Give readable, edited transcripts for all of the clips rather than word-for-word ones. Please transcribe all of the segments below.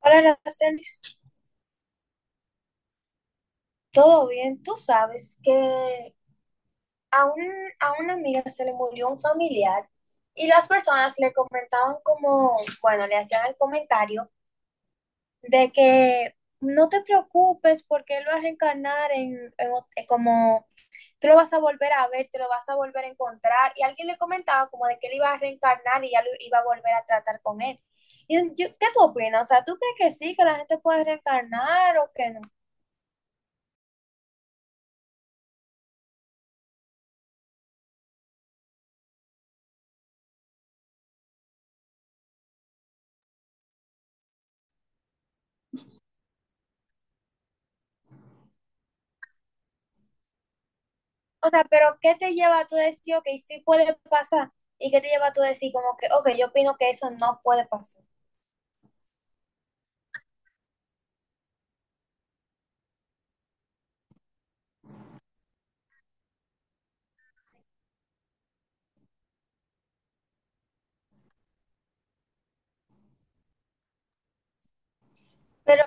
Hola, Aracelis. ¿Todo bien? Tú sabes que a, un, a una amiga se le murió un familiar y las personas le comentaban como, bueno, le hacían el comentario de que no te preocupes porque él va a reencarnar como, tú lo vas a volver a ver, te lo vas a volver a encontrar. Y alguien le comentaba como de que él iba a reencarnar y ya lo iba a volver a tratar con él. ¿Qué tú opinas? O sea, ¿tú crees que sí, que la gente puede reencarnar o que no? O sea, pero ¿qué te lleva a tú decir, ok, sí puede pasar? ¿Y qué te lleva a tú decir como que, ok, yo opino que eso no puede pasar? Pero,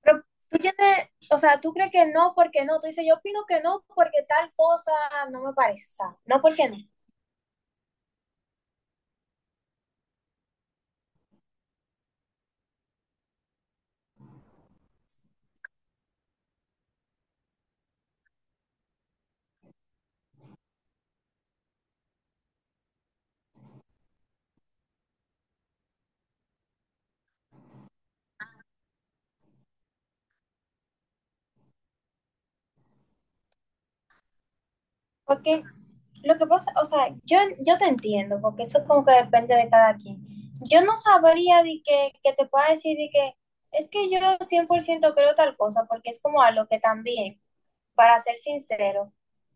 pero tú tienes, o sea, tú crees que no porque no. Tú dices, yo opino que no porque tal cosa no me parece. O sea, no porque no. Porque lo que pasa, o sea, yo te entiendo, porque eso como que depende de cada quien. Yo no sabría de que te pueda decir de que es que yo 100% creo tal cosa, porque es como algo que también para ser sincero,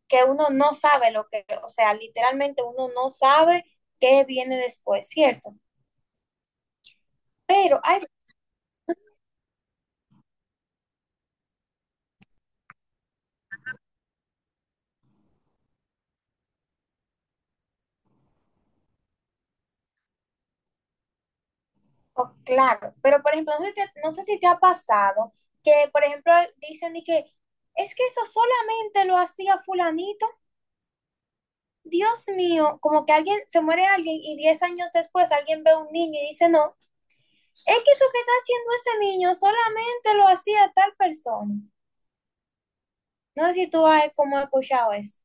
que uno no sabe lo que, o sea, literalmente uno no sabe qué viene después, ¿cierto? Pero hay, oh, claro, pero por ejemplo, no sé, no sé si te ha pasado que, por ejemplo, dicen de que es que eso solamente lo hacía fulanito. Dios mío, como que alguien se muere alguien y 10 años después alguien ve a un niño y dice, no, es que eso que está haciendo ese niño solamente lo hacía tal persona. No sé si tú has como escuchado eso.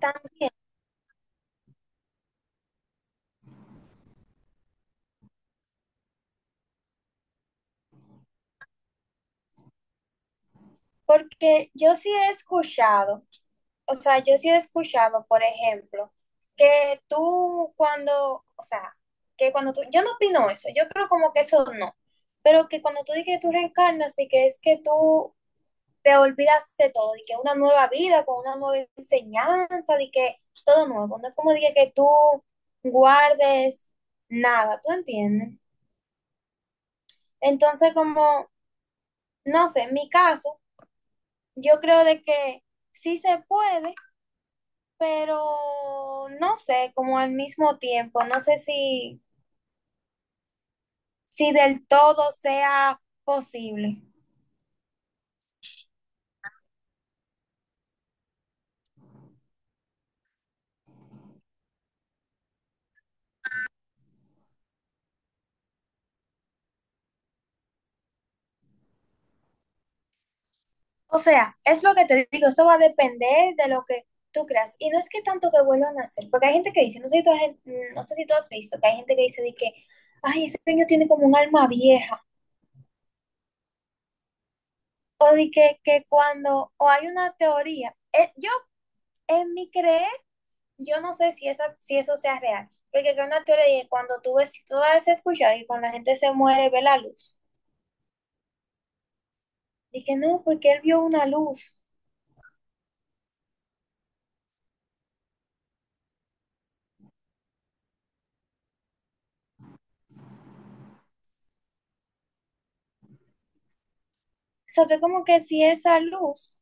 También. Porque yo sí he escuchado, o sea, yo sí he escuchado, por ejemplo, que tú cuando, o sea, que cuando tú, yo no opino eso, yo creo como que eso no, pero que cuando tú dices que tú reencarnas y que es que tú te olvidas de todo, y que una nueva vida con una nueva enseñanza, y que todo nuevo, no es como dije que tú guardes nada, ¿tú entiendes? Entonces, como, no sé, en mi caso, yo creo de que sí se puede pero no sé, como al mismo tiempo, no sé si, si del todo sea posible. O sea, es lo que te digo, eso va a depender de lo que tú creas. Y no es que tanto que vuelvan a hacer, porque hay gente que dice, no sé si tú has, no sé si tú has visto, que hay gente que dice de que, ay, ese niño tiene como un alma vieja, o de que cuando, o hay una teoría, yo en mi creer yo no sé si, esa, si eso sea real, porque acá en la teoría es cuando tú ves, tú has escuchado y cuando la gente se muere ve la luz. Dije, no, porque él vio una luz. O sea, tú como que si esa luz,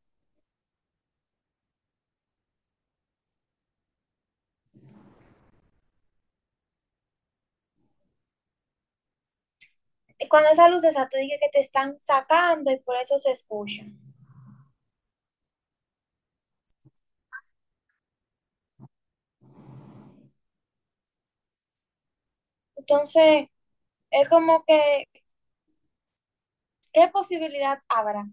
cuando esa luz, esa tú dije que te están sacando y por eso se escucha. Entonces, es como que, ¿qué posibilidad habrá?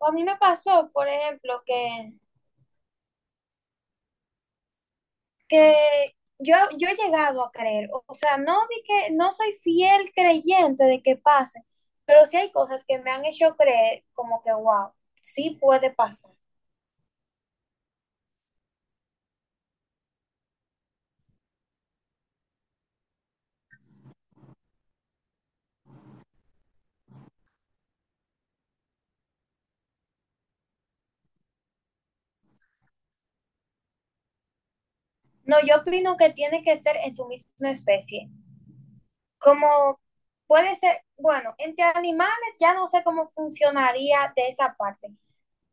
O a mí me pasó, por ejemplo, que yo he llegado a creer, o sea, no di que no soy fiel creyente de que pase, pero sí hay cosas que me han hecho creer como que, wow, sí puede pasar. No, yo opino que tiene que ser en su misma especie. Como puede ser, bueno, entre animales ya no sé cómo funcionaría de esa parte,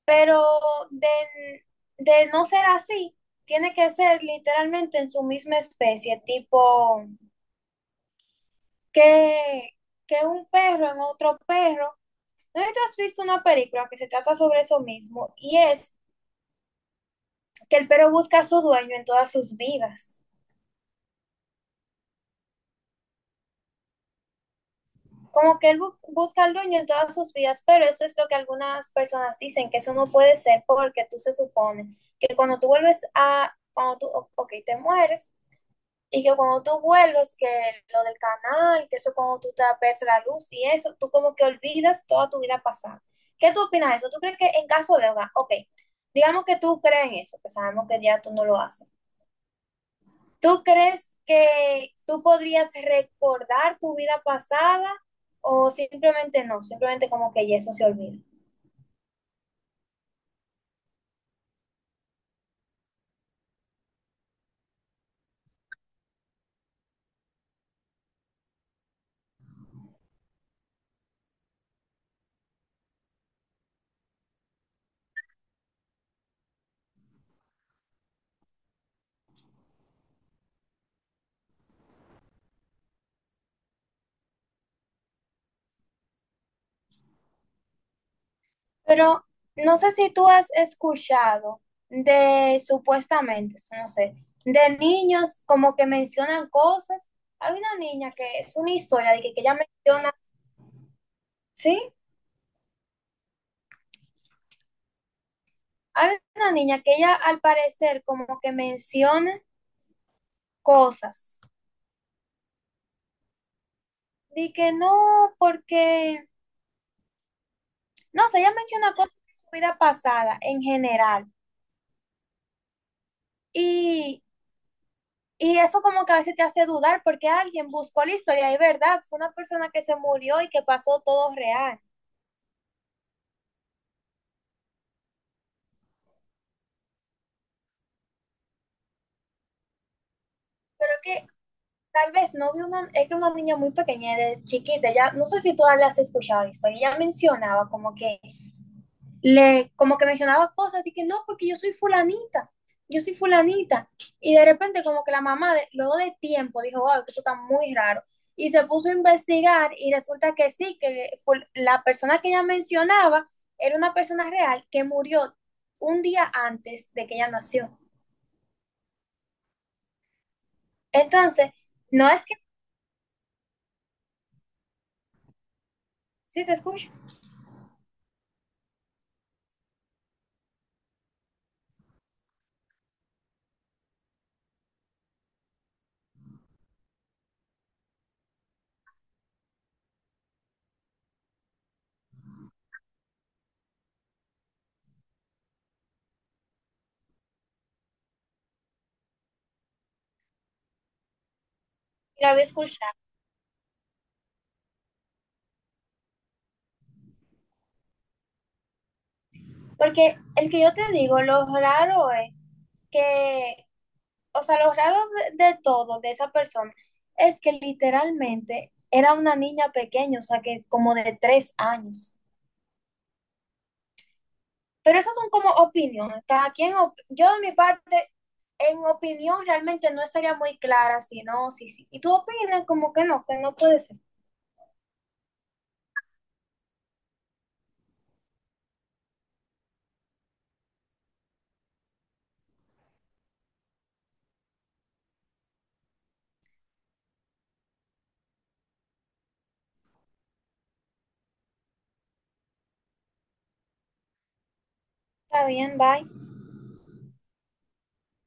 pero de, de no ser así, tiene que ser literalmente en su misma especie, tipo que, que un perro en otro perro. ¿No sé si tú has visto una película que se trata sobre eso mismo? Y es que el perro busca a su dueño en todas sus vidas. Como que él busca al dueño en todas sus vidas, pero eso es lo que algunas personas dicen, que eso no puede ser porque tú se supone que cuando tú vuelves a, cuando tú, ok, te mueres, y que cuando tú vuelves, que lo del canal, que eso cuando tú te ves la luz y eso, tú como que olvidas toda tu vida pasada. ¿Qué tú opinas de eso? ¿Tú crees que en caso de, ok, digamos que tú crees en eso, que sabemos que ya tú no lo haces, ¿tú crees que tú podrías recordar tu vida pasada o simplemente no? Simplemente como que ya eso se olvida. Pero no sé si tú has escuchado de supuestamente, esto no sé, de niños como que mencionan cosas. Hay una niña que es una historia de que ella menciona, sí, hay una niña que ella al parecer como que menciona cosas. De que no, porque, no sé, ella menciona cosas de su vida pasada en general. Y, y eso como que a veces te hace dudar porque alguien buscó la historia y verdad, fue una persona que se murió y que pasó todo real. Pero que tal vez no vi una, era una niña muy pequeña, de chiquita, ya, no sé si todas las has escuchado esto, y ella mencionaba como que, le, como que mencionaba cosas y que no, porque yo soy fulanita, yo soy fulanita. Y de repente como que la mamá, luego de tiempo, dijo, wow, que eso está muy raro. Y se puso a investigar y resulta que sí, que la persona que ella mencionaba era una persona real que murió un día antes de que ella nació. Entonces, no es que, sí te escucho, la había escuchado. Porque el que yo te digo, lo raro es que, o sea, lo raro de todo, de esa persona, es que literalmente era una niña pequeña, o sea, que como de 3 años. Pero esas son como opiniones. Cada quien, yo de mi parte, en opinión realmente no estaría muy clara, si no, sí, sí. Y tú opinas como que no puede ser. Está bien, bye.